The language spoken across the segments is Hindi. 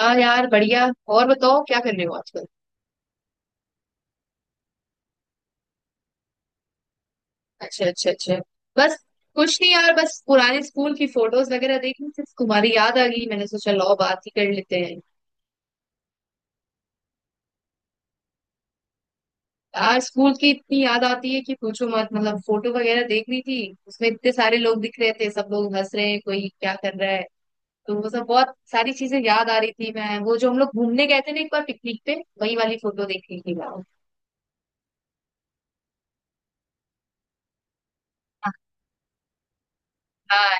हाँ यार बढ़िया। और बताओ क्या कर रहे हो आजकल? अच्छा अच्छा अच्छा। बस। कुछ नहीं यार, बस पुराने स्कूल की फोटोज वगैरह देखी, सिर्फ तुम्हारी याद आ गई, मैंने सोचा लाओ बात ही कर लेते हैं। यार स्कूल की इतनी याद आती है कि पूछो मत, मतलब फोटो वगैरह देख रही थी। उसमें इतने सारे लोग दिख रहे थे, सब लोग हंस रहे हैं, कोई क्या कर रहा है। तो वो सब बहुत सारी चीजें याद आ रही थी, मैं वो जो हम लोग घूमने गए थे ना एक बार पिकनिक पे, वही वाली फोटो देख रही थी मैं। हाँ।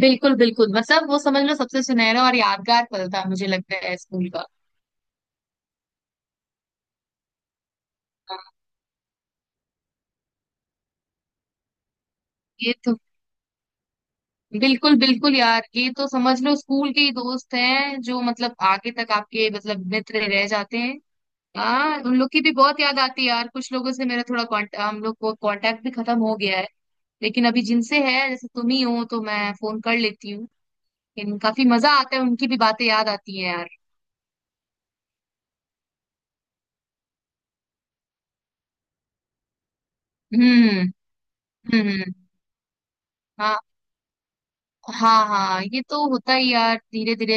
बिल्कुल बिल्कुल, मतलब वो समझ लो सबसे सुनहरा और यादगार पल था, मुझे लगता है, स्कूल का। हाँ। ये तो बिल्कुल बिल्कुल यार, ये तो समझ लो स्कूल के ही दोस्त हैं जो मतलब आगे तक आपके मतलब मित्र रह जाते हैं। हाँ उन लोग की भी बहुत याद आती है यार, कुछ लोगों से मेरा थोड़ा कॉन्ट हम लोग को कांटेक्ट भी खत्म हो गया है। लेकिन अभी जिनसे है जैसे तुम ही हो तो मैं फोन कर लेती हूँ। लेकिन काफी मजा आता है, उनकी भी बातें याद आती है यार। हम्म हम्म। हाँ हाँ हाँ, ये तो होता ही यार धीरे धीरे।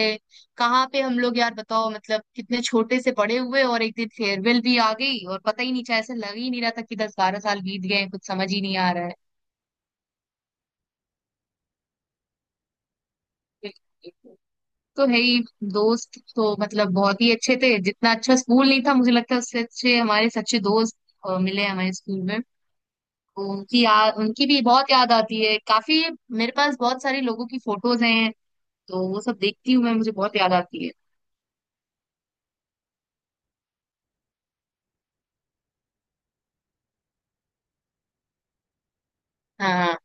कहाँ पे हम लोग यार बताओ, मतलब कितने छोटे से बड़े हुए और एक दिन फेयरवेल भी आ गई और पता ही नहीं चला, ऐसे लग ही नहीं रहा था कि 10-12 साल बीत गए हैं, कुछ समझ ही नहीं आ रहा है। बिल्कुल। तो है ही। दोस्त तो मतलब बहुत ही अच्छे थे, जितना अच्छा स्कूल नहीं था मुझे लगता है, उससे अच्छे हमारे सच्चे दोस्त मिले हमारे स्कूल में। तो उनकी याद, उनकी भी बहुत याद आती है काफी। मेरे पास बहुत सारे लोगों की फोटोज हैं, तो वो सब देखती हूँ मैं, मुझे बहुत याद आती है। हाँ हाँ।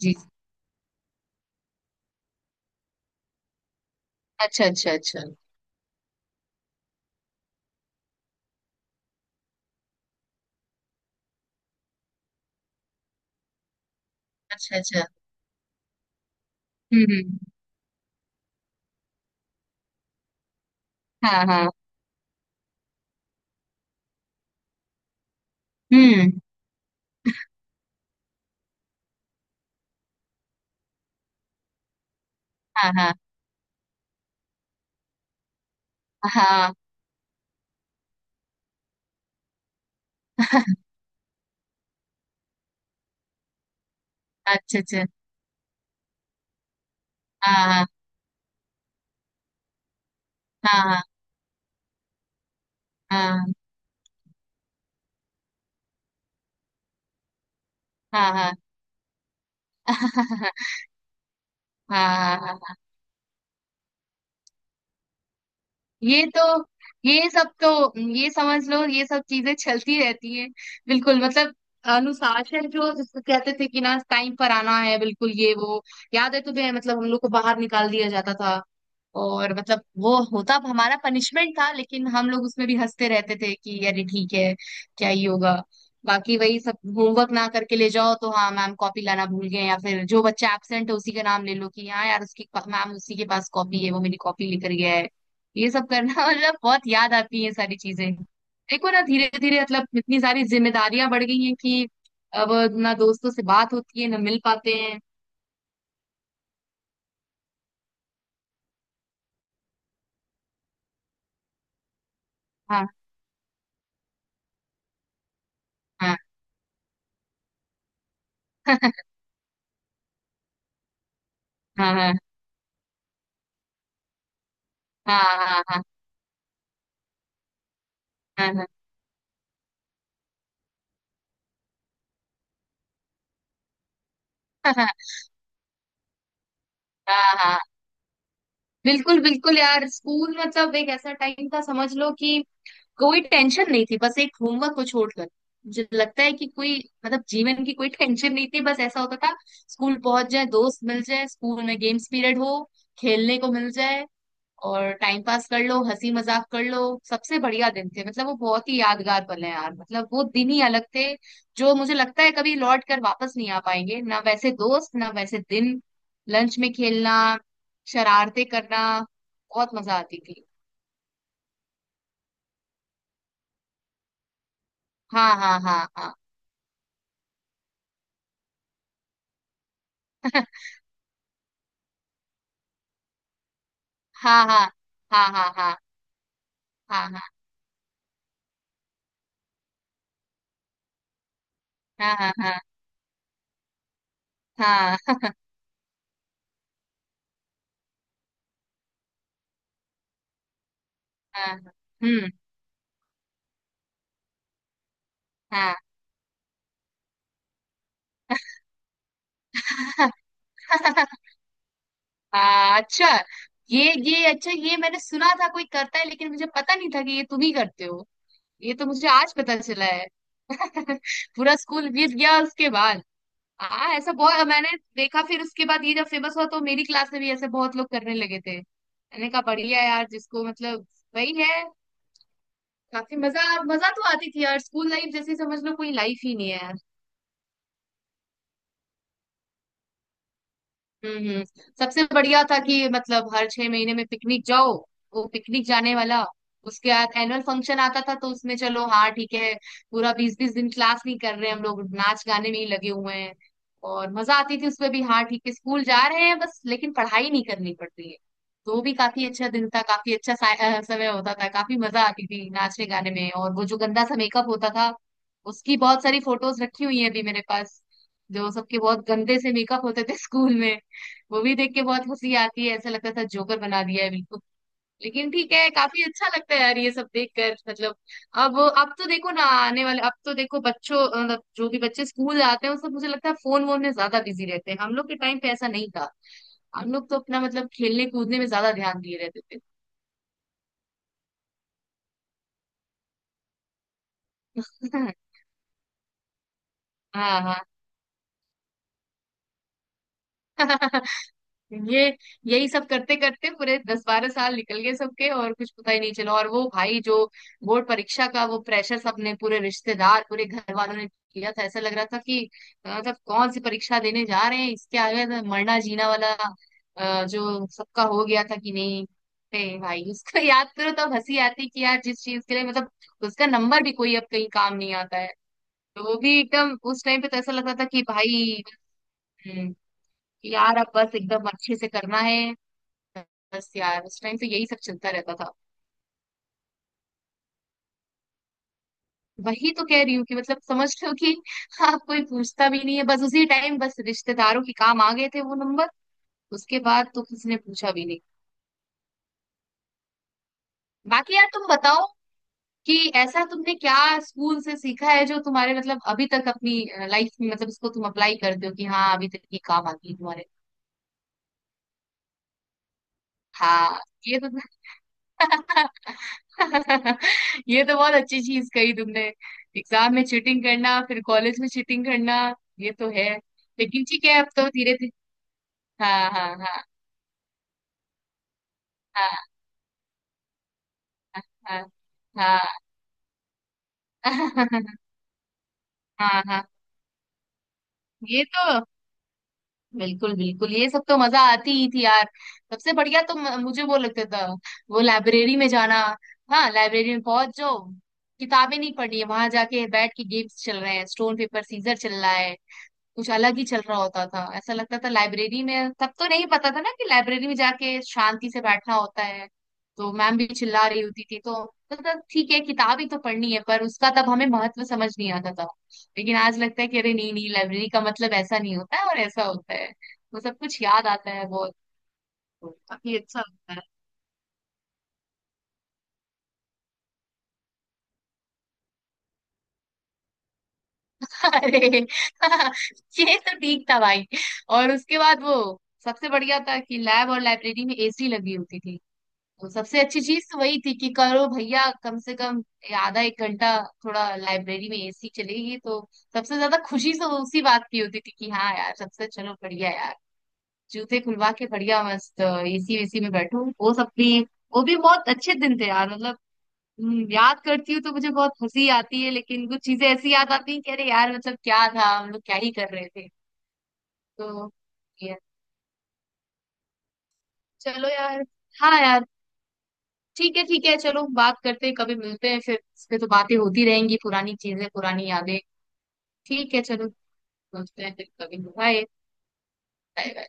जी। अच्छा अच्छा अच्छा। अच्छा अच्छा। हम्म। हाँ हाँ। हम्म। हाँ हाँ हाँ। अच्छा अच्छा। हाँ हाँ हाँ हाँ। हाँ हाँ हाँ। हाँ हाँ हाँ, ये तो, ये सब तो, ये समझ लो ये सब चीजें चलती रहती है। बिल्कुल मतलब अनुशासन, जो जिसको कहते थे कि ना टाइम पर आना है, बिल्कुल ये वो। याद है तुम्हें मतलब हम लोग को बाहर निकाल दिया जाता था, और मतलब वो होता हमारा पनिशमेंट था, लेकिन हम लोग उसमें भी हंसते रहते थे कि अरे ठीक है, क्या ही होगा। बाकी वही सब, होमवर्क ना करके ले जाओ तो हाँ मैम कॉपी लाना भूल गए, या फिर जो बच्चा एब्सेंट है उसी का नाम ले लो कि हाँ यार उसकी, मैम उसी के पास कॉपी है, वो मेरी कॉपी लेकर गया है। ये सब करना मतलब बहुत याद आती है ये सारी चीजें। देखो ना धीरे धीरे मतलब इतनी सारी जिम्मेदारियां बढ़ गई हैं कि अब, ना दोस्तों से बात होती है ना मिल पाते हैं। हाँ हाँ। हाँ हाँ हाँ हाँ। हाँ हाँ हाँ हाँ। हाँ। हाँ। बिल्कुल बिल्कुल यार, स्कूल मतलब एक ऐसा टाइम था समझ लो कि कोई टेंशन नहीं थी, बस एक होमवर्क को छोड़कर। मुझे लगता है कि कोई मतलब जीवन की कोई टेंशन नहीं थी, बस ऐसा होता था स्कूल पहुंच जाए, दोस्त मिल जाए, स्कूल में गेम्स पीरियड हो, खेलने को मिल जाए, और टाइम पास कर लो, हंसी मजाक कर लो। सबसे बढ़िया दिन थे, मतलब वो बहुत ही यादगार पल है यार, मतलब वो दिन ही अलग थे, जो मुझे लगता है कभी लौट कर वापस नहीं आ पाएंगे, ना वैसे दोस्त ना वैसे दिन। लंच में खेलना, शरारते करना, बहुत मजा आती थी। हाँ हाँ हाँ हाँ। हाँ हाँ हाँ हाँ। हाँ हाँ हाँ। हाँ हाँ हाँ हाँ। हाँ, हम्म। हाँ। अच्छा। ये अच्छा, ये मैंने सुना था कोई करता है, लेकिन मुझे पता नहीं था कि ये तुम ही करते हो, ये तो मुझे आज पता चला है। पूरा स्कूल बीत गया उसके बाद। हाँ ऐसा बहुत मैंने देखा, फिर उसके बाद ये जब फेमस हुआ तो मेरी क्लास में भी ऐसे बहुत लोग करने लगे थे, मैंने कहा बढ़िया यार जिसको मतलब, वही है। काफी मजा, मजा तो आती थी यार, स्कूल लाइफ जैसी समझ लो कोई लाइफ ही नहीं है। हम्म हम्म। सबसे बढ़िया था कि मतलब हर 6 महीने में पिकनिक जाओ, वो पिकनिक जाने वाला, उसके बाद एनुअल फंक्शन आता था, तो उसमें चलो हाँ ठीक है पूरा 20-20 दिन क्लास नहीं कर रहे हैं हम लोग, नाच गाने में ही लगे हुए हैं, और मजा आती थी उसमें भी, हाँ ठीक है स्कूल जा रहे हैं बस लेकिन पढ़ाई नहीं करनी पड़ती है। तो वो भी काफी अच्छा दिन था, काफी अच्छा समय होता था, काफी मजा आती थी नाचने गाने में, और वो जो गंदा सा मेकअप होता था, उसकी बहुत सारी फोटोज रखी हुई है अभी मेरे पास, जो सबके बहुत गंदे से मेकअप होते थे स्कूल में। मूवी देख के बहुत हंसी आती है, ऐसा लगता था जोकर बना दिया है बिल्कुल। लेकिन ठीक है काफी अच्छा लगता है यार ये सब देख कर, मतलब अब तो देखो ना, आने वाले अब तो देखो बच्चों, मतलब जो भी बच्चे स्कूल जाते हैं वो सब, मुझे लगता है फोन वोन में ज्यादा बिजी रहते हैं, हम लोग के टाइम पे ऐसा नहीं था, हम लोग तो अपना मतलब खेलने कूदने में ज्यादा ध्यान दिए रहते थे। हाँ हाँ। ये यही सब करते करते पूरे 10-12 साल निकल गए सबके, और कुछ पता ही नहीं चला। और वो भाई जो बोर्ड परीक्षा का वो प्रेशर, सबने, पूरे रिश्तेदार पूरे घर वालों ने किया था, ऐसा लग रहा था कि मतलब कौन सी परीक्षा देने जा रहे हैं, इसके आगे तो मरना जीना वाला जो सबका हो गया था कि नहीं। ए भाई उसको याद करो तब हंसी आती कि यार जिस चीज के लिए मतलब, उसका नंबर भी कोई अब कहीं काम नहीं आता है, तो वो भी एकदम, उस टाइम पे तो ऐसा लगता था कि भाई। हम्म। कि यार अब बस एकदम अच्छे से करना है, बस यार उस टाइम तो यही सब चलता रहता था। वही तो कह रही हूँ कि मतलब समझ लो कि आप, कोई पूछता भी नहीं है, बस उसी टाइम बस रिश्तेदारों के काम आ गए थे वो नंबर, उसके बाद तो किसी ने पूछा भी नहीं। बाकी यार तुम बताओ कि ऐसा तुमने क्या स्कूल से सीखा है जो तुम्हारे मतलब अभी तक अपनी लाइफ में मतलब इसको तुम अप्लाई करते हो कि हाँ अभी तक ये काम आ गई तुम्हारे। हाँ, ये तो। ये तो बहुत अच्छी चीज कही तुमने, एग्जाम में चीटिंग करना फिर कॉलेज में चीटिंग करना, ये तो है। लेकिन ठीक है अब तो धीरे धीरे। हाँ हाँ हाँ हाँ हाँ हाँ। हाँ हाँ, ये तो बिल्कुल बिल्कुल ये सब तो मजा आती ही थी यार। सबसे बढ़िया तो मुझे वो लगता था, वो लाइब्रेरी में जाना, हाँ लाइब्रेरी में पहुंच जाओ, किताबें नहीं पढ़नी है, वहां जाके बैठ के गेम्स चल रहे हैं, स्टोन पेपर सीजर चल रहा है, कुछ अलग ही चल रहा होता था, ऐसा लगता था लाइब्रेरी में, तब तो नहीं पता था ना कि लाइब्रेरी में जाके शांति से बैठना होता है, तो मैम भी चिल्ला रही होती थी तो, मतलब ठीक है किताब ही तो पढ़नी है, पर उसका तब हमें महत्व समझ नहीं आता था। लेकिन आज लगता है कि अरे नहीं नहीं, लाइब्रेरी का मतलब ऐसा नहीं होता है, और ऐसा होता है, वो सब कुछ याद आता है बहुत, तो काफी अच्छा होता है। अरे, ये तो ठीक था भाई। और उसके बाद वो, सबसे बढ़िया था कि लैब और लाइब्रेरी में एसी लगी होती थी, तो सबसे अच्छी चीज तो वही थी कि करो भैया कम से कम आधा एक घंटा, थोड़ा लाइब्रेरी में एसी चलेगी तो सबसे ज्यादा खुशी तो उसी बात की होती थी कि हाँ यार सबसे चलो बढ़िया यार, जूते खुलवा के बढ़िया मस्त एसी वेसी में बैठो, वो सब भी, वो भी बहुत अच्छे दिन थे यार, मतलब। याद करती हूँ तो मुझे बहुत हंसी आती है, लेकिन कुछ चीजें ऐसी याद आती हैं कि अरे यार मतलब क्या था हम लोग क्या ही कर रहे थे, तो ये- चलो यार। हाँ यार, ठीक है ठीक है, चलो बात करते हैं, कभी मिलते हैं फिर, इस पे तो बातें होती रहेंगी, पुरानी चीजें पुरानी यादें, ठीक है चलो मिलते हैं फिर कभी, बाय। Bye bye.